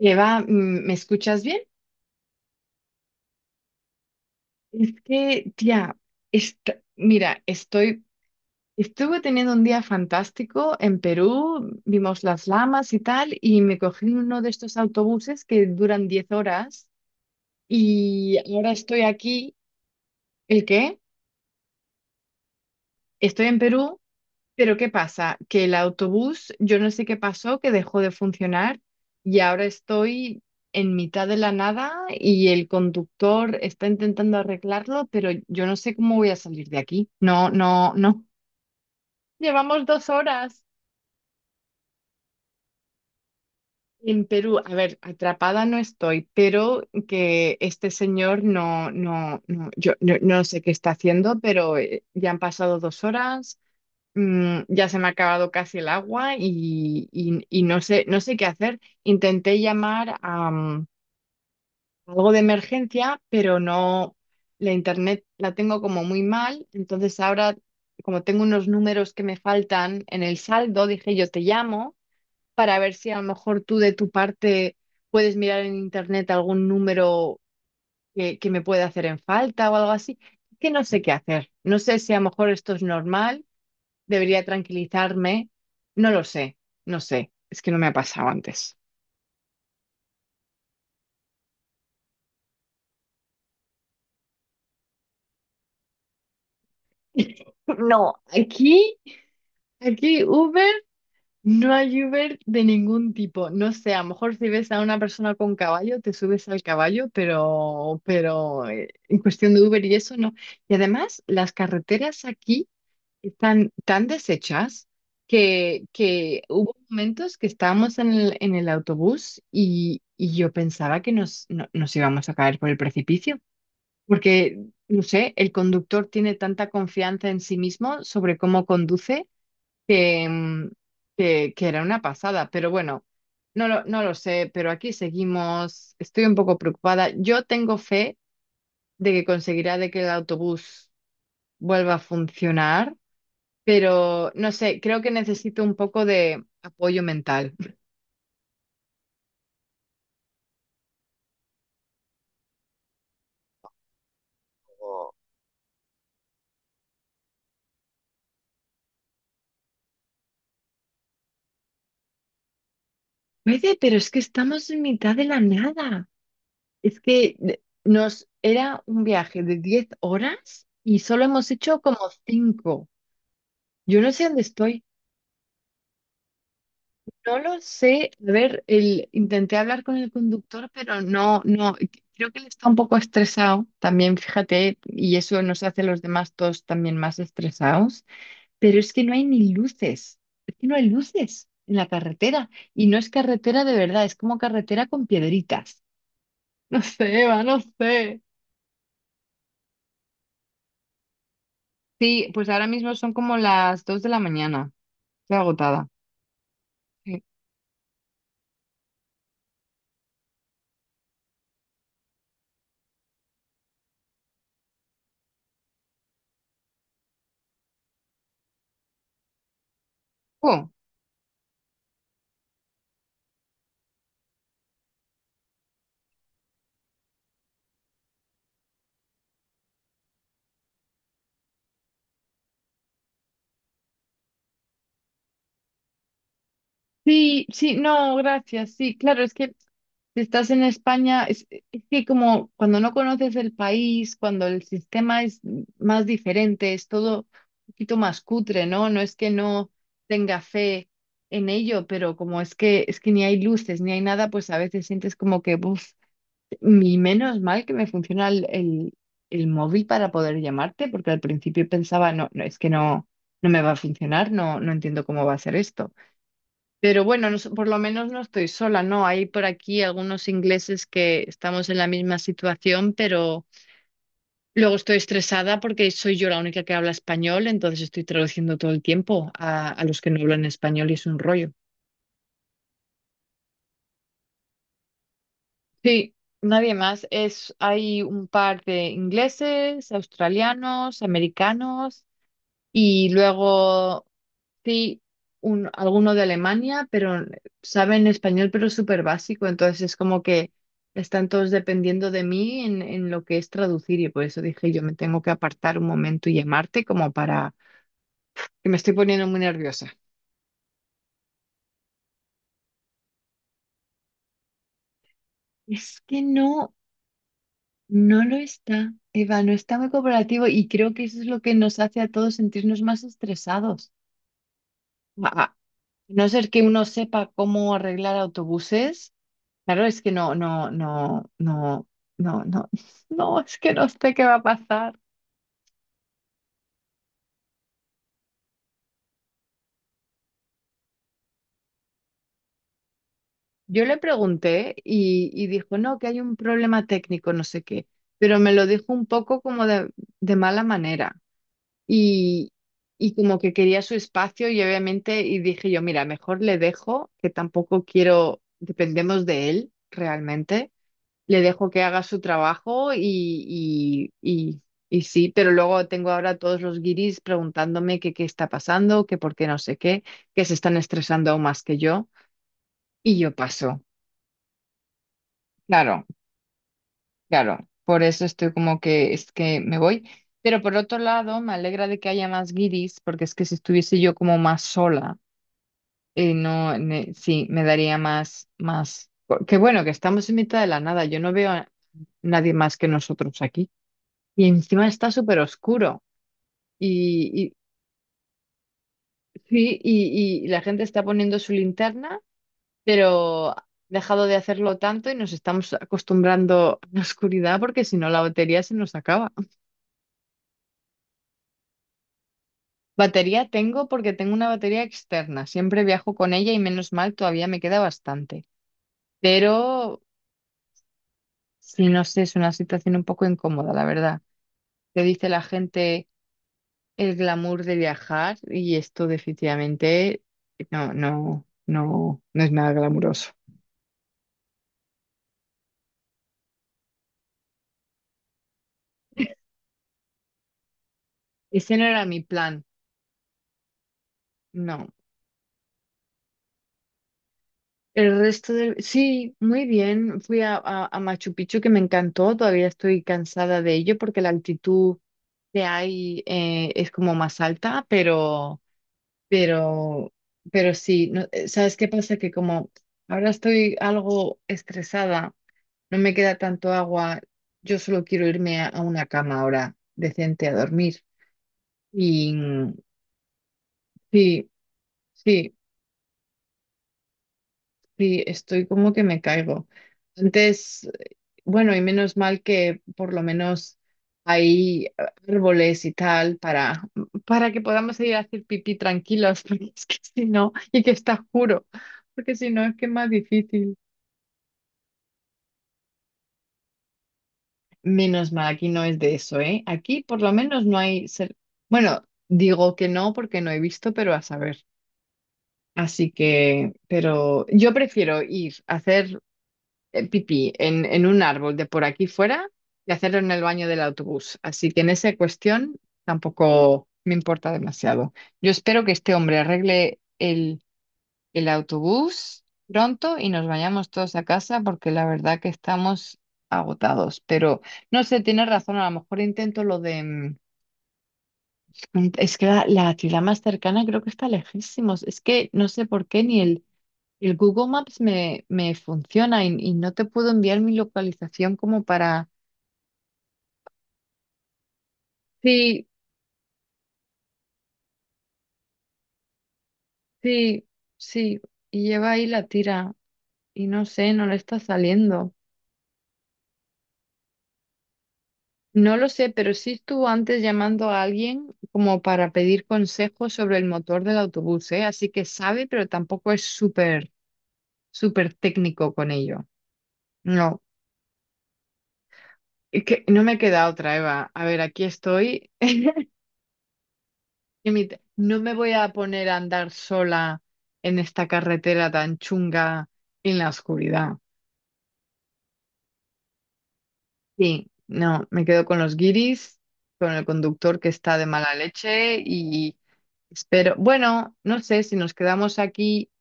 Eva, ¿me escuchas bien? Es que, tía, est- mira, estuve teniendo un día fantástico en Perú, vimos las llamas y tal, y me cogí uno de estos autobuses que duran 10 horas y ahora estoy aquí. ¿El qué? Estoy en Perú. Pero ¿qué pasa? Que el autobús, yo no sé qué pasó, que dejó de funcionar y ahora estoy en mitad de la nada y el conductor está intentando arreglarlo, pero yo no sé cómo voy a salir de aquí. No, no, no. Llevamos 2 horas en Perú. A ver, atrapada no estoy, pero que este señor no, no, no, yo no sé qué está haciendo, pero ya han pasado 2 horas. Ya se me ha acabado casi el agua y no sé qué hacer. Intenté llamar a algo de emergencia, pero no, la internet la tengo como muy mal, entonces ahora, como tengo unos números que me faltan en el saldo, dije yo te llamo para ver si a lo mejor tú de tu parte puedes mirar en internet algún número que me pueda hacer en falta o algo así. Que no sé qué hacer. No sé si a lo mejor esto es normal, debería tranquilizarme. No lo sé, no sé. Es que no me ha pasado antes. No, aquí Uber, no hay Uber de ningún tipo. No sé, a lo mejor si ves a una persona con caballo, te subes al caballo, pero, en cuestión de Uber y eso no. Y además, las carreteras aquí están tan deshechas que hubo momentos que estábamos en el autobús y yo pensaba que nos, no- nos íbamos a caer por el precipicio, porque, no sé, el conductor tiene tanta confianza en sí mismo sobre cómo conduce que, mm, que era una pasada, pero bueno. No lo sé, pero aquí seguimos. Estoy un poco preocupada. Yo tengo fe de que conseguirá de que el autobús vuelva a funcionar, pero no sé, creo que necesito un poco de apoyo mental. Puede, pero es que estamos en mitad de la nada. Es que nos era un viaje de 10 horas y solo hemos hecho como cinco. Yo no sé dónde estoy. No lo sé. A ver, intenté hablar con el conductor, pero no, no. Creo que él está un poco estresado también, fíjate, y eso nos hace a los demás todos también más estresados. Pero es que no hay ni luces, es que no hay luces en la carretera y no es carretera de verdad, es como carretera con piedritas. No sé, Eva, no sé. Sí, pues ahora mismo son como las 2 de la mañana, estoy agotada. Sí. Oh. Sí, sí, no, gracias. Sí, claro, es que si estás en España, es que como cuando no conoces el país, cuando el sistema es más diferente, es todo un poquito más cutre, ¿no? No es que no tenga fe en ello, pero como es que ni hay luces, ni hay nada, pues a veces sientes como que, uff, y menos mal que me funciona el móvil para poder llamarte, porque al principio pensaba, no, no, es que no, no me va a funcionar, no, no entiendo cómo va a ser esto. Pero bueno, no so- por lo menos no estoy sola, ¿no? Hay por aquí algunos ingleses que estamos en la misma situación, pero luego estoy estresada porque soy yo la única que habla español, entonces estoy traduciendo todo el tiempo a los que no hablan español y es un rollo. Sí, nadie más. Hay un par de ingleses, australianos, americanos y luego sí, alguno de Alemania, pero saben español, pero súper básico. Entonces es como que están todos dependiendo de mí en lo que es traducir. Y por eso dije, yo me tengo que apartar un momento y llamarte como para que me estoy poniendo muy nerviosa. Es que no, no lo está, Eva, no está muy cooperativo y creo que eso es lo que nos hace a todos sentirnos más estresados. A no ser que uno sepa cómo arreglar autobuses. Claro, es que no, no, no, no, no, no, no, es que no sé qué va a pasar. Yo le pregunté y dijo, no, que hay un problema técnico, no sé qué, pero me lo dijo un poco como de mala manera y, y como que quería su espacio y obviamente, y dije yo, mira, mejor le dejo, que tampoco quiero, dependemos de él realmente. Le dejo que haga su trabajo y sí, pero luego tengo ahora a todos los guiris preguntándome que qué está pasando, que por qué no sé qué, que se están estresando aún más que yo y yo paso. Claro, claro, por eso estoy como que es que me voy. Pero por otro lado, me alegra de que haya más guiris, porque es que si estuviese yo como más sola, no, ne- sí, me daría más, más. Que bueno, que estamos en mitad de la nada, yo no veo a nadie más que nosotros aquí. Y encima está súper oscuro. Y, y, sí, y la gente está poniendo su linterna, pero ha dejado de hacerlo tanto y nos estamos acostumbrando a la oscuridad porque si no la batería se nos acaba. Batería tengo porque tengo una batería externa. Siempre viajo con ella y menos mal, todavía me queda bastante. Pero, sí, no sé, es una situación un poco incómoda, la verdad. Te dice la gente. El glamour de viajar y esto definitivamente no, no, no, no es nada glamuroso. Ese no era mi plan, no. El resto del... Sí, muy bien. Fui a Machu Picchu que me encantó. Todavía estoy cansada de ello porque la altitud que hay es como más alta, pero, pero, pero sí. ¿Sabes qué pasa? Que como ahora estoy algo estresada, no me queda tanto agua, yo solo quiero irme a una cama ahora decente a dormir. Y sí, sí, sí, estoy como que me caigo. Entonces bueno, y menos mal que por lo menos hay árboles y tal para que podamos ir a hacer pipí tranquilos, porque es que si no, y que está oscuro, porque si no es que es más difícil. Menos mal, aquí no es de eso, ¿eh? Aquí por lo menos no hay... Bueno, digo que no porque no he visto, pero a saber. Así que, pero yo prefiero ir a hacer pipí en un árbol de por aquí fuera y hacerlo en el baño del autobús. Así que en esa cuestión tampoco me importa demasiado. Yo espero que este hombre arregle el autobús pronto y nos vayamos todos a casa porque la verdad que estamos agotados. Pero no sé, tienes razón, a lo mejor intento lo de... Es que la ciudad más cercana creo que está lejísimos. Es que no sé por qué ni el Google Maps me funciona y no te puedo enviar mi localización como para... Sí, sí, sí. Y lleva ahí la tira y no sé, no le está saliendo. No lo sé, pero sí estuvo antes llamando a alguien como para pedir consejos sobre el motor del autobús, ¿eh? Así que sabe, pero tampoco es súper, súper técnico con ello. No, es que no me queda otra, Eva. A ver, aquí estoy. Y mi- No me voy a poner a andar sola en esta carretera tan chunga en la oscuridad. Sí, no, me quedo con los guiris, con el conductor que está de mala leche y... Espero, bueno, no sé si nos quedamos aquí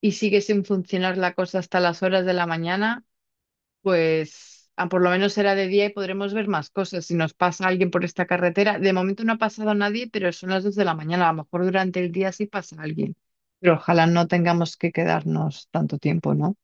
y sigue sin funcionar la cosa hasta las horas de la mañana, pues ah, por lo menos será de día y podremos ver más cosas. Si nos pasa alguien por esta carretera, de momento no ha pasado nadie, pero son las 2 de la mañana. A lo mejor durante el día sí pasa alguien, pero ojalá no tengamos que quedarnos tanto tiempo, ¿no?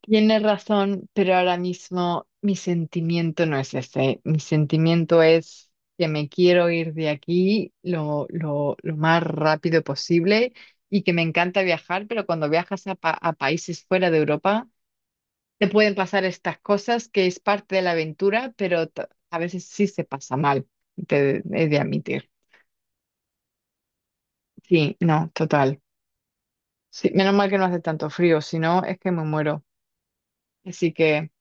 Tienes razón, pero ahora mismo mi sentimiento no es ese. Mi sentimiento es que me quiero ir de aquí lo más rápido posible y que me encanta viajar, pero cuando viajas a países fuera de Europa, te pueden pasar estas cosas que es parte de la aventura, pero a veces sí se pasa mal, te he de admitir. Sí, no, total. Sí, menos mal que no hace tanto frío, si no es que me muero. Así que,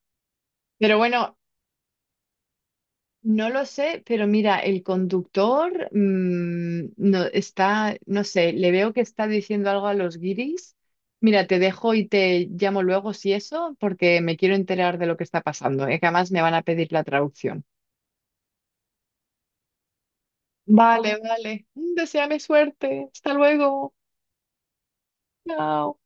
pero bueno. No lo sé, pero mira, el conductor no, está, no sé, le veo que está diciendo algo a los guiris. Mira, te dejo y te llamo luego si eso, porque me quiero enterar de lo que está pasando, ¿eh? Que además me van a pedir la traducción. Vale, vale. Deseame suerte. Hasta luego. Chao.